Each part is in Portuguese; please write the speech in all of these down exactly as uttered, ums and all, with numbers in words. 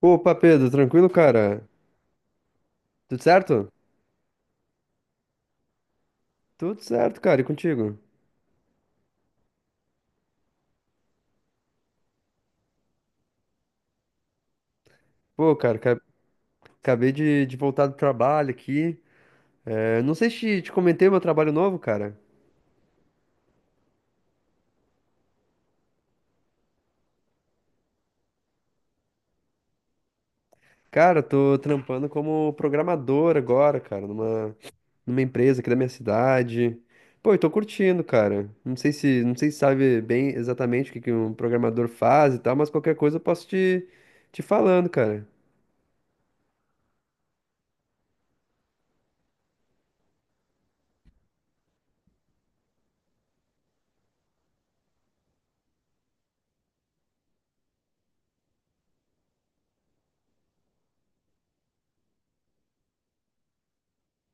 Opa, Pedro, tranquilo, cara? Tudo certo? Tudo certo, cara, e contigo? Pô, cara, ca- acabei de, de voltar do trabalho aqui. É, não sei se te, te comentei meu trabalho novo, cara. Cara, eu tô trampando como programador agora, cara, numa, numa empresa aqui da minha cidade. Pô, eu tô curtindo, cara. Não sei se, não sei se sabe bem exatamente o que, que um programador faz e tal, mas qualquer coisa eu posso te, te falando, cara.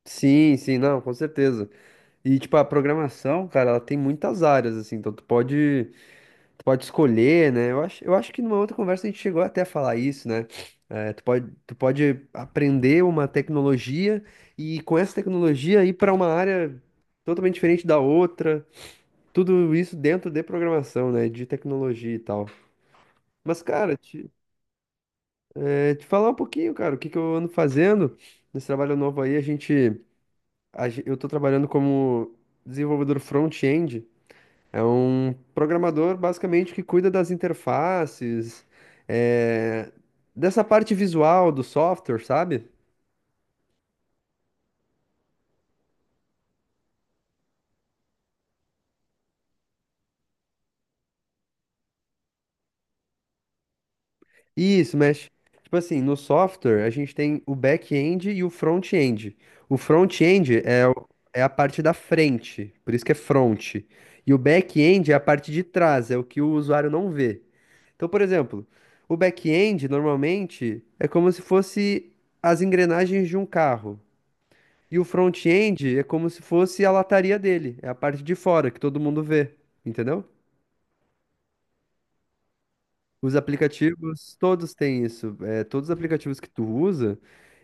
Sim, sim, não, com certeza. E, tipo, a programação, cara, ela tem muitas áreas, assim, então tu pode, tu pode escolher, né? Eu acho, eu acho que numa outra conversa a gente chegou até a falar isso, né? Eh, tu pode, tu pode aprender uma tecnologia e com essa tecnologia ir para uma área totalmente diferente da outra, tudo isso dentro de programação, né? De tecnologia e tal. Mas, cara, te, eh, te falar um pouquinho, cara, o que que eu ando fazendo nesse trabalho novo aí, a gente, a gen- eu tô trabalhando como desenvolvedor front-end. É um programador basicamente que cuida das interfaces, é, dessa parte visual do software, sabe? Isso, mexe. Tipo assim, no software a gente tem o back-end e o front-end. O front-end é, o- é a parte da frente, por isso que é front. E o back-end é a parte de trás, é o que o usuário não vê. Então, por exemplo, o back-end normalmente é como se fosse as engrenagens de um carro. E o front-end é como se fosse a lataria dele, é a parte de fora que todo mundo vê, entendeu? Os aplicativos, todos têm isso. É, todos os aplicativos que tu usa,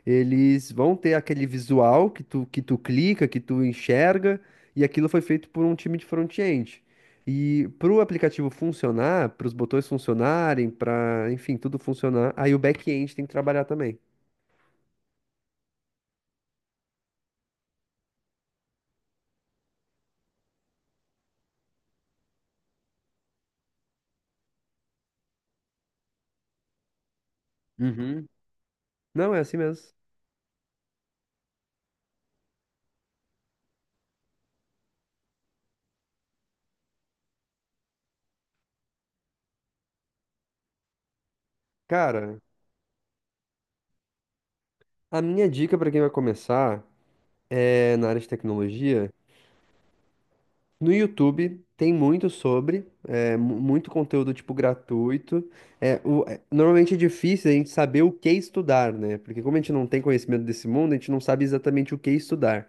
eles vão ter aquele visual que tu, que tu clica, que tu enxerga, e aquilo foi feito por um time de front-end. E para o aplicativo funcionar, para os botões funcionarem, para, enfim, tudo funcionar, aí o back-end tem que trabalhar também. Uhum. Não, é assim mesmo. Cara, a minha dica para quem vai começar é, na área de tecnologia, no YouTube tem muito sobre, é, mu- muito conteúdo tipo gratuito. É, o- é, normalmente é difícil a gente saber o que estudar, né? Porque como a gente não tem conhecimento desse mundo, a gente não sabe exatamente o que estudar.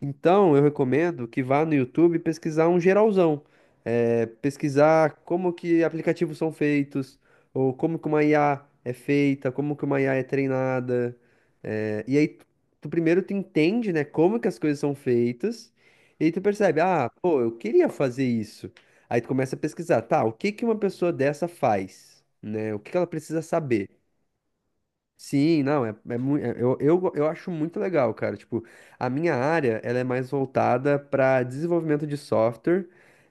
Então, eu recomendo que vá no YouTube pesquisar um geralzão. É, pesquisar como que aplicativos são feitos, ou como que uma I A é feita, como que uma I A é treinada. É, e aí, tu, tu primeiro tu entende, né, como que as coisas são feitas, e aí tu percebe, ah, pô, eu queria fazer isso. Aí tu começa a pesquisar, tá, o que que uma pessoa dessa faz, né? O que que ela precisa saber? Sim, não, é, é, mui- é- eu, eu, eu acho muito legal, cara. Tipo, a minha área, ela é mais voltada para desenvolvimento de software.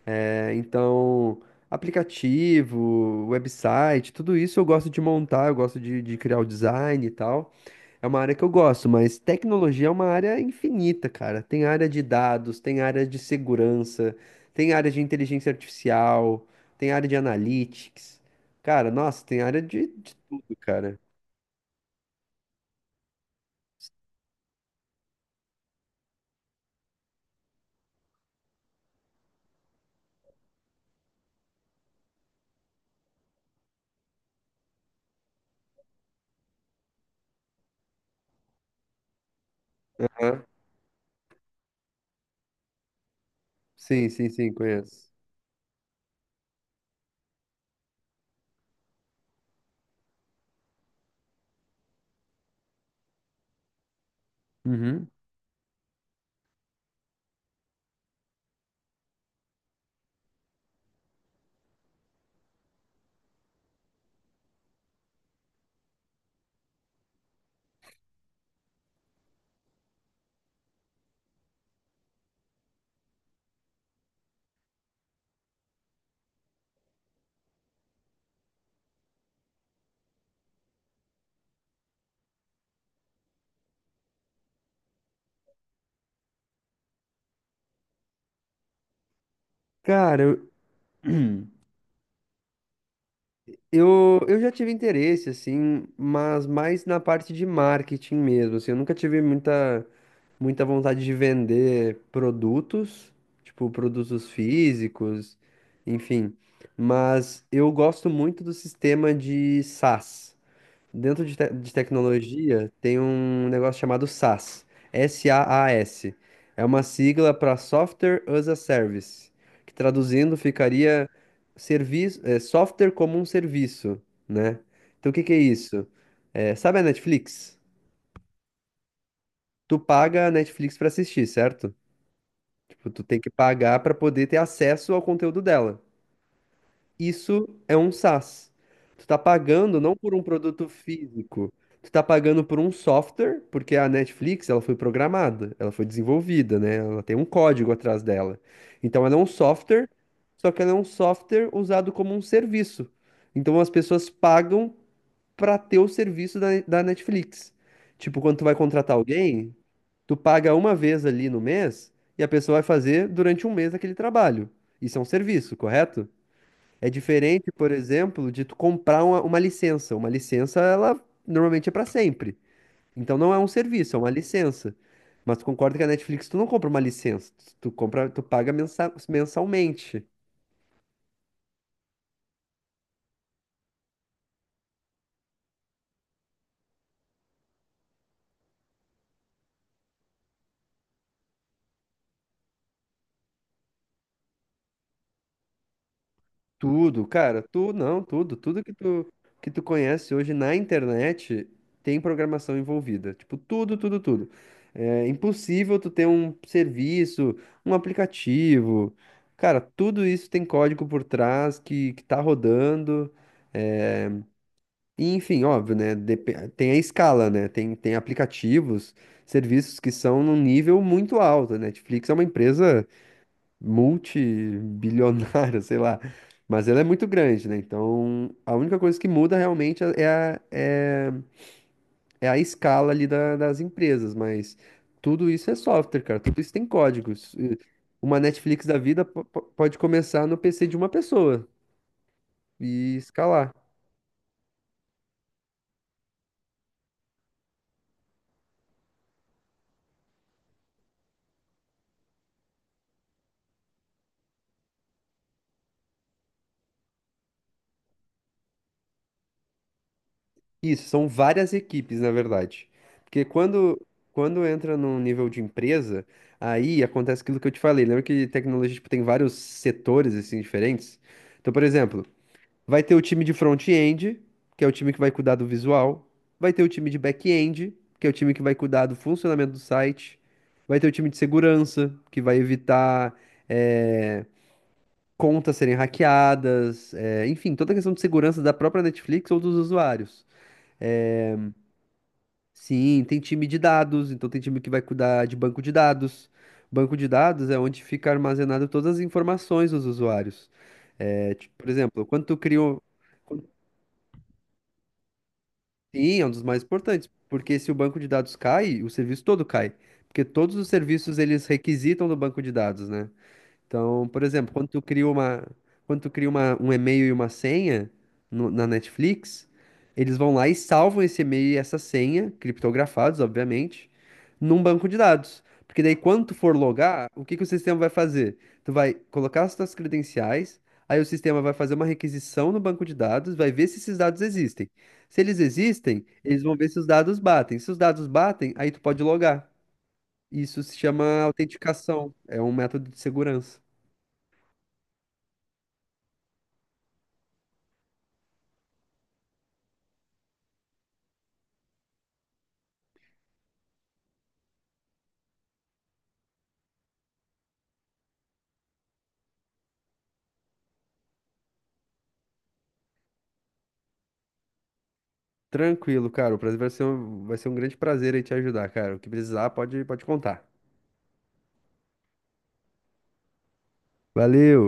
É, então, aplicativo, website, tudo isso eu gosto de montar, eu gosto de, de criar o design e tal. É uma área que eu gosto, mas tecnologia é uma área infinita, cara. Tem área de dados, tem área de segurança, tem área de inteligência artificial, tem área de analytics. Cara, nossa, tem área de, de tudo, cara. Sim, sim, sim, conheço. Uhum. Cara, eu, eu, eu já tive interesse, assim, mas mais na parte de marketing mesmo, assim, eu nunca tive muita, muita vontade de vender produtos, tipo, produtos físicos, enfim, mas eu gosto muito do sistema de SaaS. Dentro de, te- de tecnologia, tem um negócio chamado SaaS. S-A-A-S. É uma sigla para Software as a Service, que traduzindo ficaria serviço, é, software como um serviço, né? Então o que que é isso? É, sabe a Netflix? Tu paga a Netflix para assistir, certo? Tipo, tu tem que pagar para poder ter acesso ao conteúdo dela. Isso é um SaaS. Tu tá pagando não por um produto físico, tu tá pagando por um software, porque a Netflix, ela foi programada, ela foi desenvolvida, né? Ela tem um código atrás dela. Então ela é um software, só que ela é um software usado como um serviço. Então as pessoas pagam pra ter o serviço da, da Netflix. Tipo, quando tu vai contratar alguém, tu paga uma vez ali no mês e a pessoa vai fazer durante um mês aquele trabalho. Isso é um serviço, correto? É diferente, por exemplo, de tu comprar uma, uma licença. Uma licença, ela normalmente é para sempre. Então não é um serviço, é uma licença. Mas tu concorda que a Netflix tu não compra uma licença, tu tu compra, tu paga mensa- mensalmente. Tudo, cara, tu não, tudo, tudo que tu que tu conhece hoje na internet tem programação envolvida. Tipo, tudo, tudo, tudo. É impossível tu ter um serviço, um aplicativo. Cara, tudo isso tem código por trás que, que tá rodando. É, e, enfim, óbvio, né? depe- Tem a escala, né? Tem, tem aplicativos, serviços que são num nível muito alto. A Netflix é uma empresa multibilionária, sei lá. Mas ela é muito grande, né? Então, a única coisa que muda realmente é é a, é, é a escala ali da- das empresas, mas tudo isso é software, cara. Tudo isso tem códigos. E uma Netflix da vida po- po- pode começar no P C de uma pessoa e escalar. Isso, são várias equipes, na verdade. Porque quando, quando entra num nível de empresa, aí acontece aquilo que eu te falei. Lembra que tecnologia, tipo, tem vários setores, assim, diferentes? Então, por exemplo, vai ter o time de front-end, que é o time que vai cuidar do visual. Vai ter o time de back-end, que é o time que vai cuidar do funcionamento do site. Vai ter o time de segurança, que vai evitar, eh, contas serem hackeadas. Eh, enfim, toda a questão de segurança da própria Netflix ou dos usuários. Eh, Sim, tem time de dados, então tem time que vai cuidar de banco de dados. Banco de dados é onde fica armazenado todas as informações dos usuários. É, tipo, por exemplo, quando tu cria um... Sim, é um dos mais importantes, porque se o banco de dados cai, o serviço todo cai, porque todos os serviços eles requisitam do banco de dados, né? Então, por exemplo, quando tu cria uma, quando tu cria uma, um e-mail e uma senha no- na Netflix, eles vão lá e salvam esse e-mail e essa senha, criptografados, obviamente, num banco de dados. Porque daí, quando tu for logar, o que que o sistema vai fazer? Tu vai colocar as tuas credenciais, aí o sistema vai fazer uma requisição no banco de dados, vai ver se esses dados existem. Se eles existem, eles vão ver se os dados batem. Se os dados batem, aí tu pode logar. Isso se chama autenticação, é um método de segurança. Tranquilo, cara. O prazer vai ser um, vai ser um grande prazer aí te ajudar, cara. O que precisar, pode, pode contar. Valeu!